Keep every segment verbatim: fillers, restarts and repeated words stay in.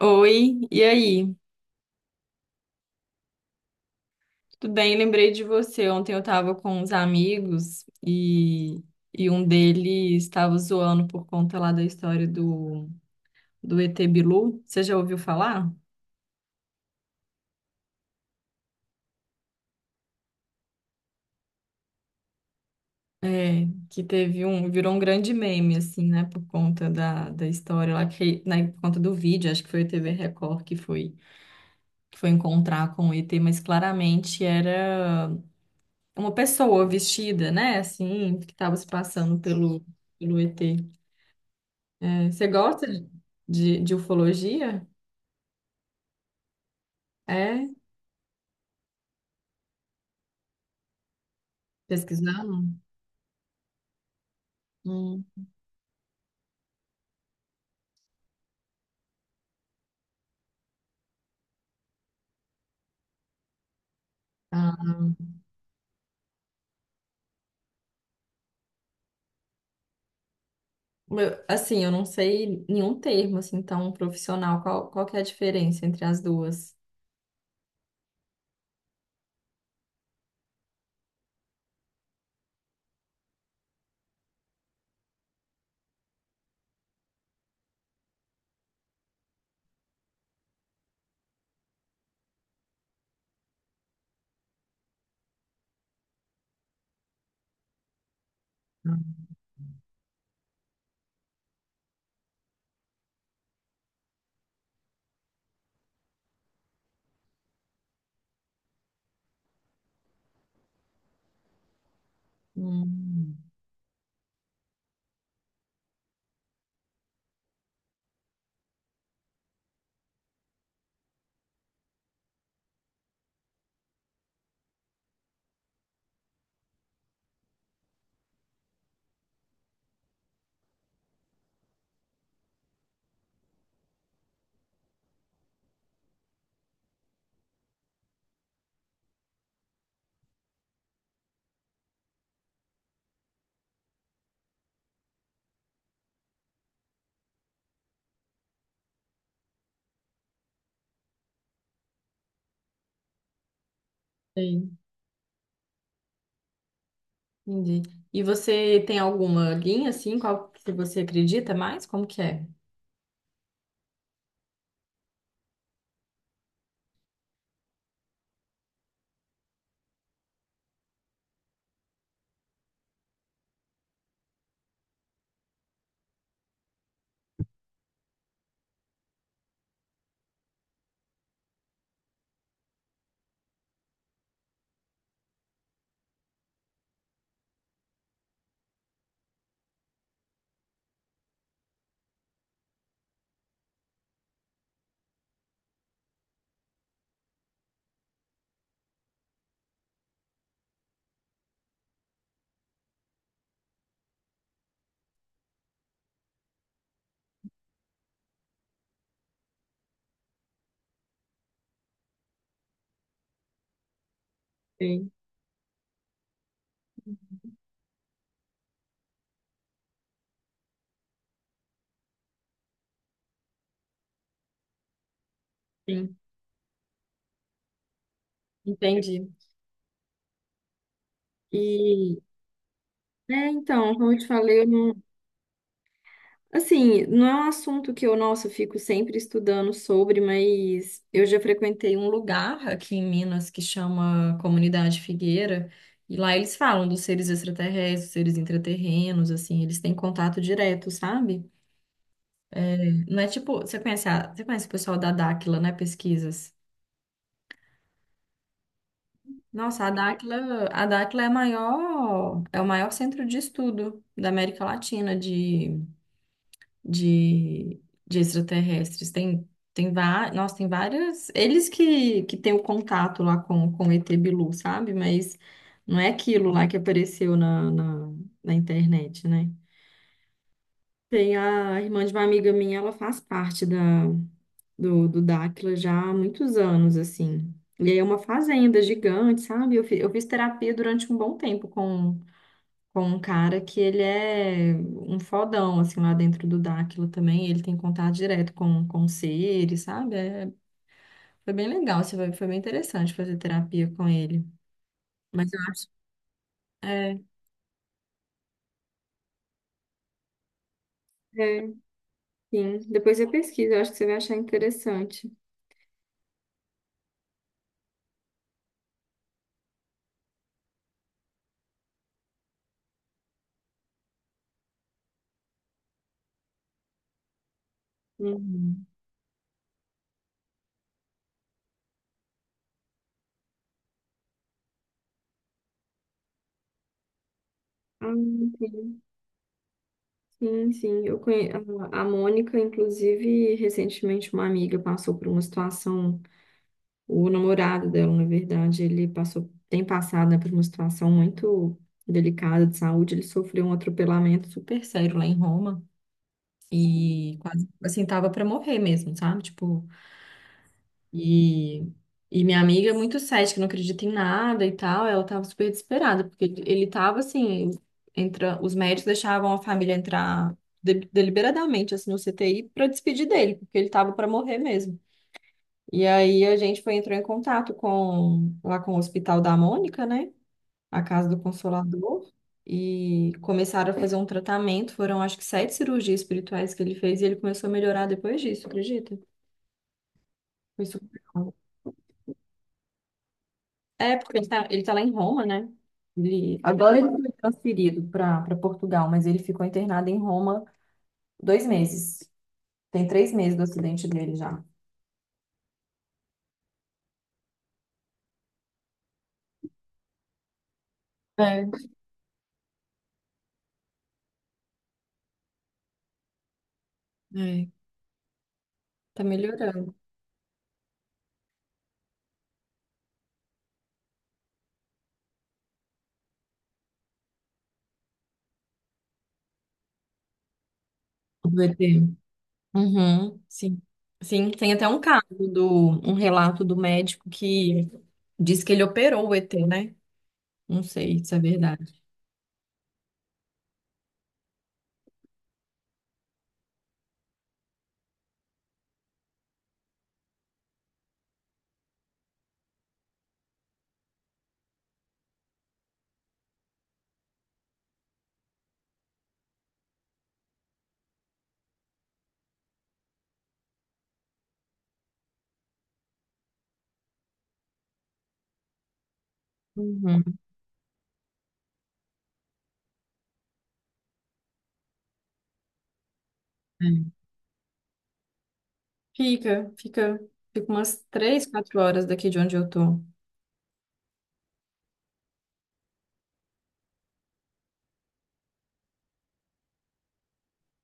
Oi, e aí? Tudo bem? Lembrei de você. Ontem eu tava com uns amigos e, e um deles estava zoando por conta lá da história do, do E T Bilu. Você já ouviu falar? É, que teve um, virou um grande meme, assim, né? Por conta da, da história lá, que, né, por conta do vídeo, acho que foi o T V Record que foi, que foi encontrar com o E T, mas claramente era uma pessoa vestida, né? Assim, que estava se passando pelo, pelo E T. É, você gosta de, de, de ufologia? É? Pesquisando? Hum. Ah, eu- assim, eu não sei nenhum termo assim tão profissional. Qual, qual que é a diferença entre as duas? Hum, sei, entendi. E você tem alguma linha assim, qual que você acredita mais? Como que é? Sim, sim, entendi. E é, então, como eu te falei, eu não, assim, não é um assunto que eu, nossa, eu fico sempre estudando sobre, mas eu já frequentei um lugar aqui em Minas que chama Comunidade Figueira, e lá eles falam dos seres extraterrestres, dos seres intraterrenos, assim, eles têm contato direto, sabe? Não é tipo, você conhece, a- você conhece o pessoal da Dáquila, né, pesquisas? Nossa, a Dáquila, a Dáquila é a maior, é o maior centro de estudo da América Latina de, de extraterrestres. Tem, tem, va- nossa, tem várias. Eles que, que têm o contato lá com, com o E T Bilu, sabe? Mas não é aquilo lá que apareceu na, na, na internet, né? Tem a irmã de uma amiga minha, ela faz parte da, do, do Dáquila já há muitos anos, assim. E aí é uma fazenda gigante, sabe? Eu, fi- eu fiz terapia durante um bom tempo com com um cara que ele é um fodão, assim, lá dentro do Dáquilo também. Ele tem contato direto com, com seres, sabe? É, foi bem legal, assim, foi, foi bem interessante fazer terapia com ele. Mas eu acho. É, é, sim. Depois eu pesquiso, eu acho que você vai achar interessante. Uhum. Ah, sim, sim, sim. Eu conhe... A a Mônica, inclusive, recentemente uma amiga passou por uma situação. O namorado dela, na verdade, ele passou, tem passado, né, por uma situação muito delicada de saúde. Ele sofreu um atropelamento super sério lá em Roma e quase, assim, tava para morrer mesmo, sabe? Tipo, e, e minha amiga, é muito cética, não acredita em nada e tal, ela tava super desesperada, porque ele ele tava, assim, entra, os médicos deixavam a família entrar de- deliberadamente, assim, no C T I para despedir dele, porque ele tava para morrer mesmo. E aí a gente foi, entrou em contato com lá com o Hospital da Mônica, né? A Casa do Consolador. E começaram a fazer um tratamento. Foram acho que sete cirurgias espirituais que ele fez e ele começou a melhorar depois disso, acredita? Foi super bom. É, porque ele tá, ele tá lá em Roma, né? Ele, agora ele foi transferido para para Portugal, mas ele ficou internado em Roma dois meses. Tem três meses do acidente dele já. É. É, tá melhorando. O E T. Uhum, sim. Sim, tem até um caso do um relato do médico que diz que ele operou o E T, né? Não sei se é verdade. Uhum, é. Fica, fica, fica umas três, quatro horas daqui de onde eu tô.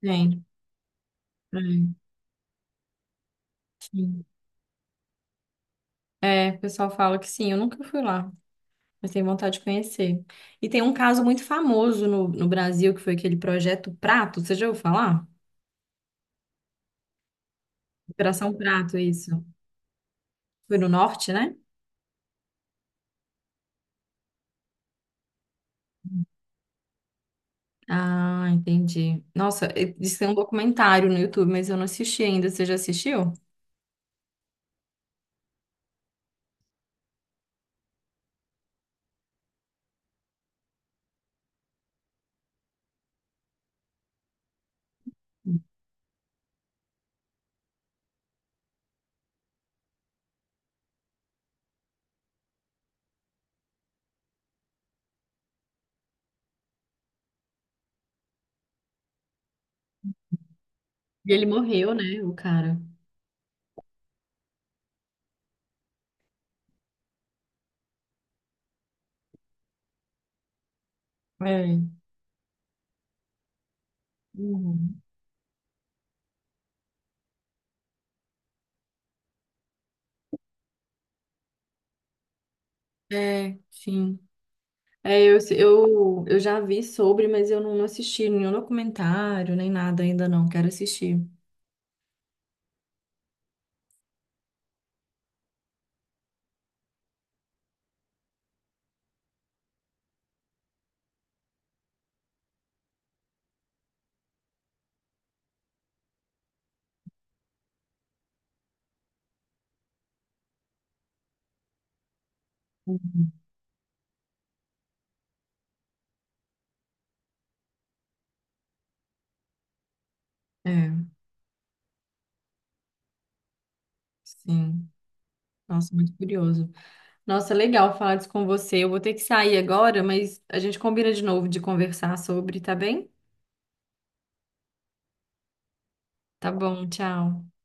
Tem. É, sim. É, o pessoal fala que sim, eu nunca fui lá, mas tenho vontade de conhecer. E tem um caso muito famoso no, no Brasil, que foi aquele projeto Prato, você já ouviu falar? Operação Prato, isso. Foi no norte, né? Ah, entendi. Nossa, é- diz que tem um documentário no YouTube, mas eu não assisti ainda. Você já assistiu? E ele morreu, né, o cara? É. Uhum. É, sim. É, eu, eu, eu já vi sobre, mas eu não assisti nenhum documentário, nem nada ainda não. Quero assistir. É, sim. Nossa, muito curioso. Nossa, legal falar disso com você. Eu vou ter que sair agora, mas a gente combina de novo de conversar sobre, tá bem? Tá bom, tchau.